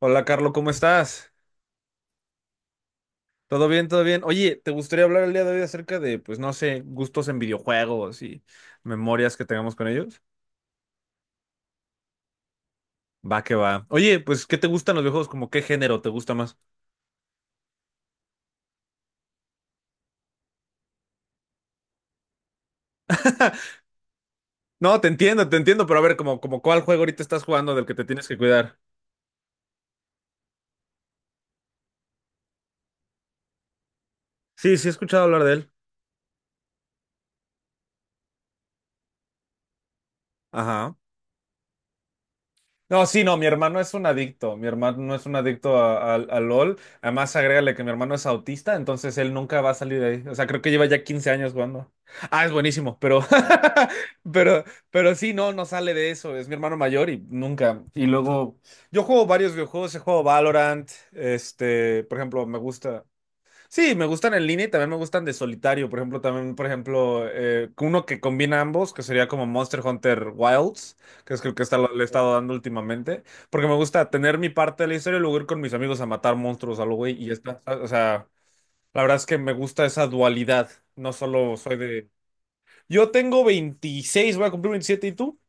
Hola, Carlos, ¿cómo estás? ¿Todo bien? ¿Todo bien? Oye, ¿te gustaría hablar el día de hoy acerca de, pues no sé, gustos en videojuegos y memorias que tengamos con ellos? Va que va. Oye, pues, ¿qué te gustan los videojuegos? ¿Como qué género te gusta más? No, te entiendo, pero a ver, como cuál juego ahorita estás jugando del que te tienes que cuidar. Sí, sí he escuchado hablar de él. Ajá. No, sí, no, mi hermano es un adicto, mi hermano es un adicto a LOL, además agrégale que mi hermano es autista, entonces él nunca va a salir de ahí, o sea, creo que lleva ya 15 años jugando. Ah, es buenísimo, pero, pero, pero sí, no, no sale de eso, es mi hermano mayor y nunca. Y luego, yo juego varios videojuegos, he jugado Valorant, este, por ejemplo, me gusta. Sí, me gustan en línea y también me gustan de solitario. Por ejemplo, también, por ejemplo, uno que combina ambos, que sería como Monster Hunter Wilds, que es el que le he estado dando últimamente. Porque me gusta tener mi parte de la historia y luego ir con mis amigos a matar monstruos algo, güey. Y ya está. O sea, la verdad es que me gusta esa dualidad. No solo soy de. Yo tengo 26, voy a cumplir 27, ¿y tú?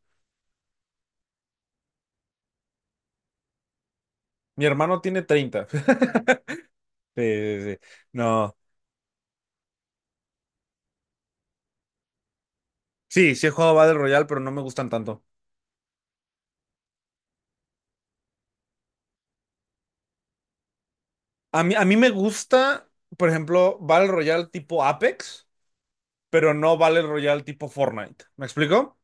Mi hermano tiene 30. Sí, sí, sí. No. Sí, sí he jugado Battle Royale, pero no me gustan tanto. A mí me gusta, por ejemplo, Battle Royale tipo Apex, pero no Battle Royale tipo Fortnite. ¿Me explico?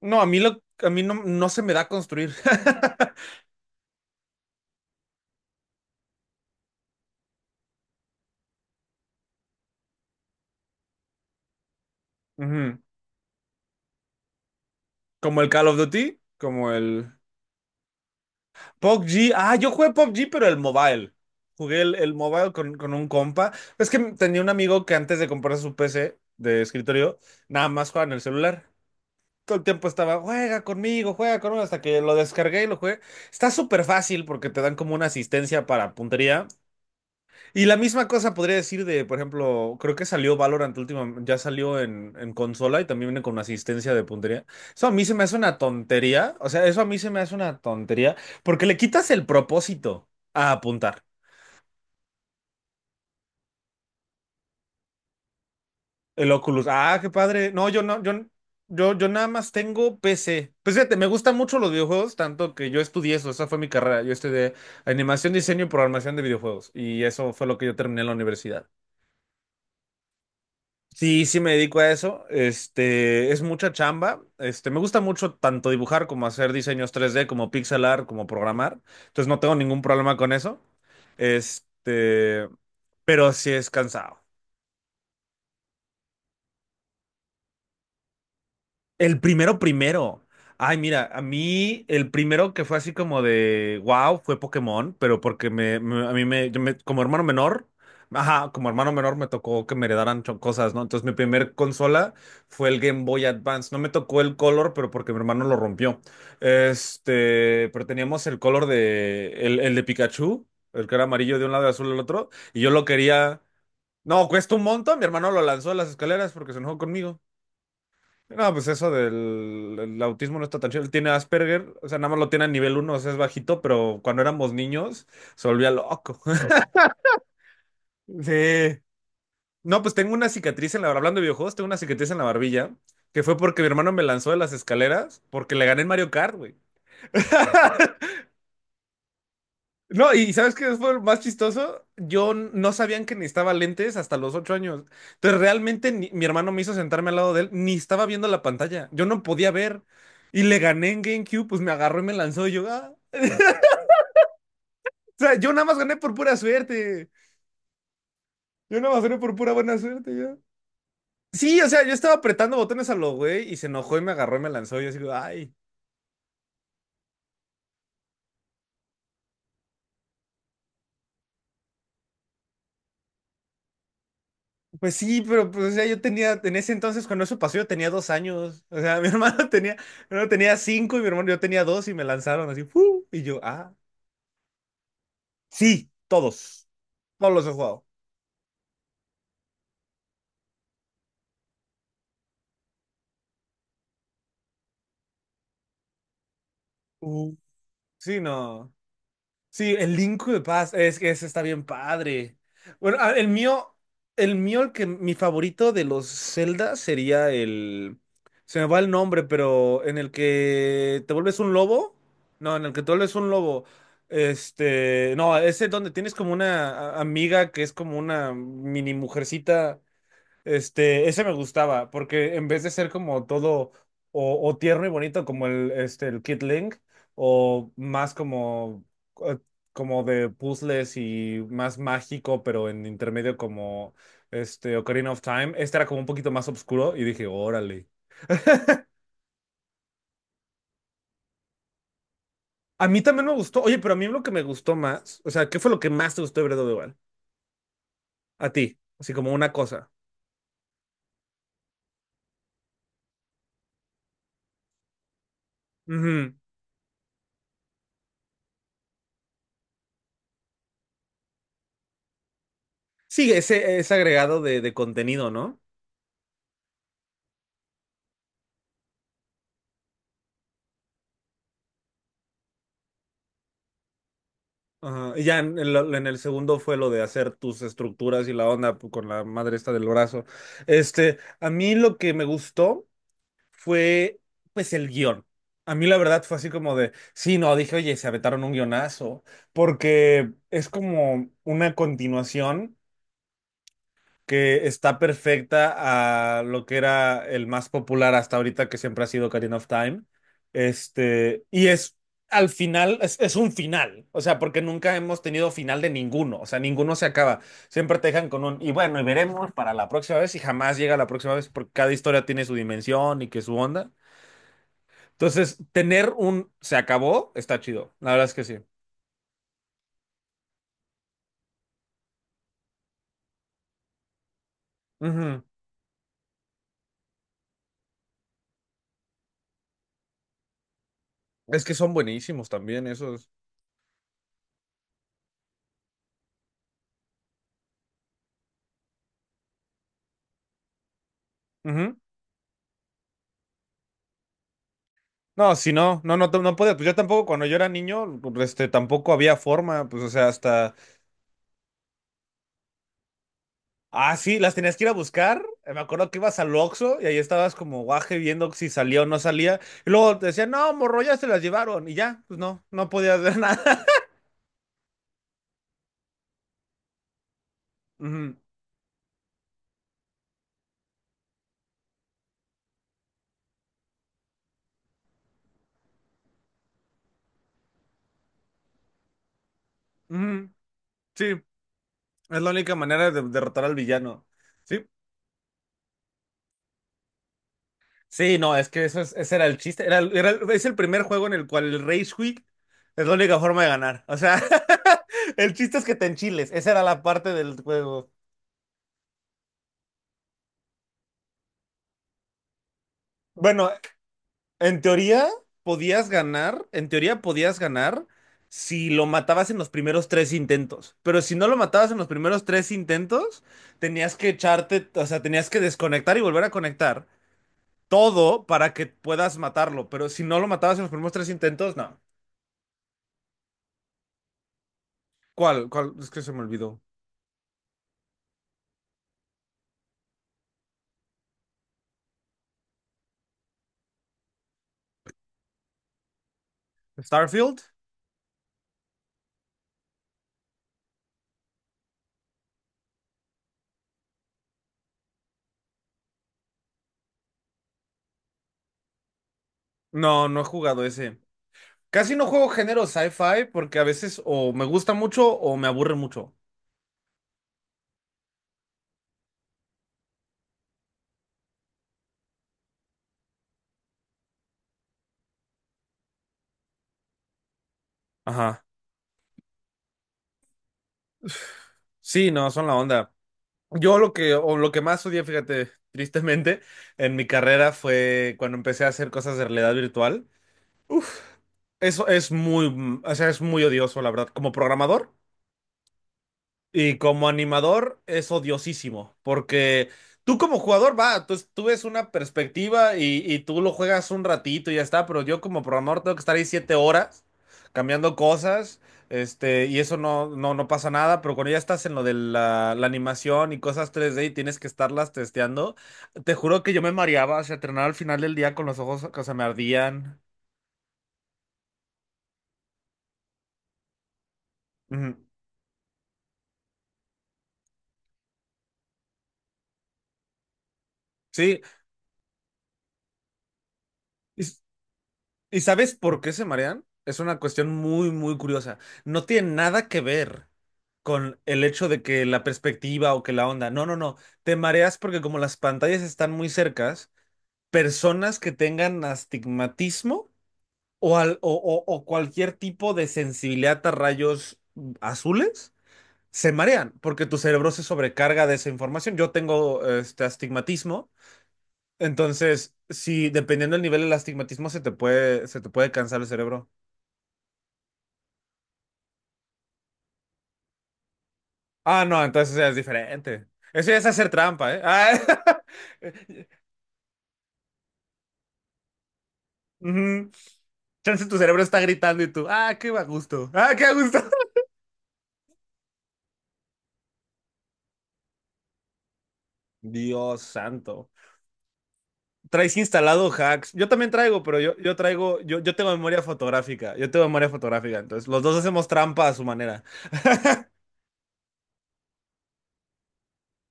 No, a mí no, no se me da construir. Ujú. Como el Call of Duty, como el PUBG. Ah, yo jugué PUBG, pero el mobile. Jugué el mobile con un compa. Es que tenía un amigo que antes de comprarse su PC de escritorio, nada más jugaba en el celular. Todo el tiempo estaba, juega conmigo, hasta que lo descargué y lo jugué. Está súper fácil porque te dan como una asistencia para puntería. Y la misma cosa podría decir de, por ejemplo, creo que salió Valorant último ya salió en consola y también viene con una asistencia de puntería. Eso a mí se me hace una tontería, o sea, eso a mí se me hace una tontería porque le quitas el propósito a apuntar. El Oculus. Ah, qué padre. No, yo nada más tengo PC. Pues fíjate, me gustan mucho los videojuegos, tanto que yo estudié eso, esa fue mi carrera. Yo estudié animación, diseño y programación de videojuegos. Y eso fue lo que yo terminé en la universidad. Sí, sí me dedico a eso. Este, es mucha chamba. Este, me gusta mucho tanto dibujar como hacer diseños 3D como pixel art, como programar. Entonces no tengo ningún problema con eso. Este, pero sí es cansado. El primero primero. Ay, mira, a mí el primero que fue así como de wow fue Pokémon, pero porque me- a mí me, yo me- como hermano menor, ajá, como hermano menor me tocó que me heredaran cosas, ¿no? Entonces mi primer consola fue el Game Boy Advance. No me tocó el Color, pero porque mi hermano lo rompió. Este, pero teníamos el Color de el de Pikachu, el que era amarillo de un lado y azul del otro, y yo lo quería. No, cuesta un montón. Mi hermano lo lanzó a las escaleras porque se enojó conmigo. No, pues eso del el autismo no está tan chido. Él tiene Asperger, o sea, nada más lo tiene a nivel 1, o sea, es bajito, pero cuando éramos niños se volvía loco. Sí. No, pues tengo una cicatriz en la, hablando de videojuegos, tengo una cicatriz en la barbilla, que fue porque mi hermano me lanzó de las escaleras porque le gané en Mario Kart, güey. No, y ¿sabes qué fue lo más chistoso? No sabían que necesitaba lentes hasta los 8 años. Entonces realmente mi hermano me hizo sentarme al lado de él, ni estaba viendo la pantalla. Yo no podía ver. Y le gané en GameCube, pues me agarró y me lanzó y yo, ah. O sea, yo nada más gané por pura suerte. Yo nada más gané por pura buena suerte, ya. Sí, o sea, yo estaba apretando botones a lo güey y se enojó y me agarró y me lanzó. Y yo así, ay, pues sí, pero pues, o sea, yo tenía, en ese entonces, cuando eso pasó, yo tenía 2 años. O sea, mi hermano tenía cinco y mi hermano yo tenía dos y me lanzaron así, ¡fu! Y yo, ah, sí, todos. Todos los he jugado. Uh, Sí, no. Sí, el Link de Paz, es que ese está bien padre. Bueno, el mío, el que mi favorito de los Zelda sería el. Se me va el nombre, pero en el que te vuelves un lobo. No, en el que te vuelves un lobo. Este. No, ese donde tienes como una amiga que es como una mini mujercita. Este, ese me gustaba, porque en vez de ser como todo o tierno y bonito como el Kid Link, o más eh, como de puzzles y más mágico, pero en intermedio como este Ocarina of Time, este era como un poquito más oscuro y dije, órale. A mí también me gustó, oye, pero a mí lo que me gustó más, o sea, ¿qué fue lo que más te gustó de Breath of the Wild? A ti, así como una cosa. Ujú. Sí, ese agregado de, contenido, ¿no? Ajá, y ya en el segundo fue lo de hacer tus estructuras y la onda con la madre esta del brazo. Este, a mí lo que me gustó fue, pues, el guión. A mí la verdad fue así como de, sí, no, dije, oye, se aventaron un guionazo, porque es como una continuación que está perfecta a lo que era el más popular hasta ahorita, que siempre ha sido Ocarina of Time. Este, y es al final, es un final, o sea, porque nunca hemos tenido final de ninguno, o sea, ninguno se acaba. Siempre te dejan con un, y bueno, y veremos para la próxima vez, y jamás llega la próxima vez, porque cada historia tiene su dimensión y que su onda. Entonces, tener un se acabó está chido, la verdad es que sí. Ujú. Es que son buenísimos también esos. No, si no, no, no, no podía. Pues yo tampoco, cuando yo era niño, pues, este, tampoco había forma. Pues, o sea, hasta. Ah, sí, las tenías que ir a buscar. Me acuerdo que ibas al Oxxo y ahí estabas como guaje viendo si salía o no salía. Y luego te decían, no, morro, ya se las llevaron. Y ya, pues no, no podías hacer nada. Ujú, ujú. Sí, es la única manera de derrotar al villano. Sí, sí, no, es que ese era el chiste. Es el primer juego en el cual el Rage Quit es la única forma de ganar. O sea, el chiste es que te enchiles. Esa era la parte del juego. Bueno, en teoría en teoría podías ganar si lo matabas en los primeros tres intentos. Pero si no lo matabas en los primeros tres intentos, tenías que echarte, o sea, tenías que desconectar y volver a conectar todo para que puedas matarlo. Pero si no lo matabas en los primeros tres intentos, no. ¿Cuál? ¿Cuál? Es que se me olvidó. ¿Starfield? No, no he jugado ese. Casi no juego género sci-fi porque a veces o me gusta mucho o me aburre mucho. Ajá. Sí, no, son la onda. Yo lo que, o lo que más odié, fíjate, tristemente, en mi carrera fue cuando empecé a hacer cosas de realidad virtual. Eso es muy, o sea, es muy odioso, la verdad. Como programador, y como animador es odiosísimo, porque tú como jugador, va, tú ves una perspectiva y tú lo juegas un ratito y ya está, pero yo como programador tengo que estar ahí 7 horas cambiando cosas, este, y eso no, no, no pasa nada, pero cuando ya estás en lo de la, animación y cosas 3D y tienes que estarlas testeando, te juro que yo me mareaba, o sea, terminaba al final del día con los ojos que se me ardían. Ujú. Sí. ¿Y sabes por qué se marean? Es una cuestión muy, muy curiosa. No tiene nada que ver con el hecho de que la perspectiva o que la onda. No, no, no. Te mareas porque como las pantallas están muy cercas, personas que tengan astigmatismo o, al- o cualquier tipo de sensibilidad a rayos azules se marean porque tu cerebro se sobrecarga de esa información. Yo tengo este astigmatismo, entonces si dependiendo del nivel del astigmatismo se te puede cansar el cerebro. Ah, no, entonces es diferente. Eso ya es hacer trampa, ¿eh? Ujú. Chance tu cerebro está gritando y tú, ah, qué a gusto, ah, qué a gusto. Dios santo. Traes instalado hacks. Yo también traigo, pero yo traigo, yo tengo memoria fotográfica. Yo tengo memoria fotográfica. Entonces, los dos hacemos trampa a su manera.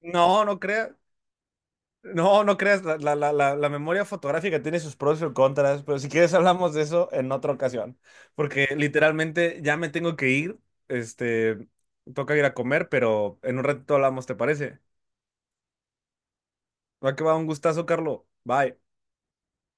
No, no creas. No, no creas, la memoria fotográfica tiene sus pros y sus contras, pero si quieres hablamos de eso en otra ocasión, porque literalmente ya me tengo que ir, este, toca ir a comer, pero en un ratito hablamos, ¿te parece? Va que va, un gustazo, Carlo. Bye.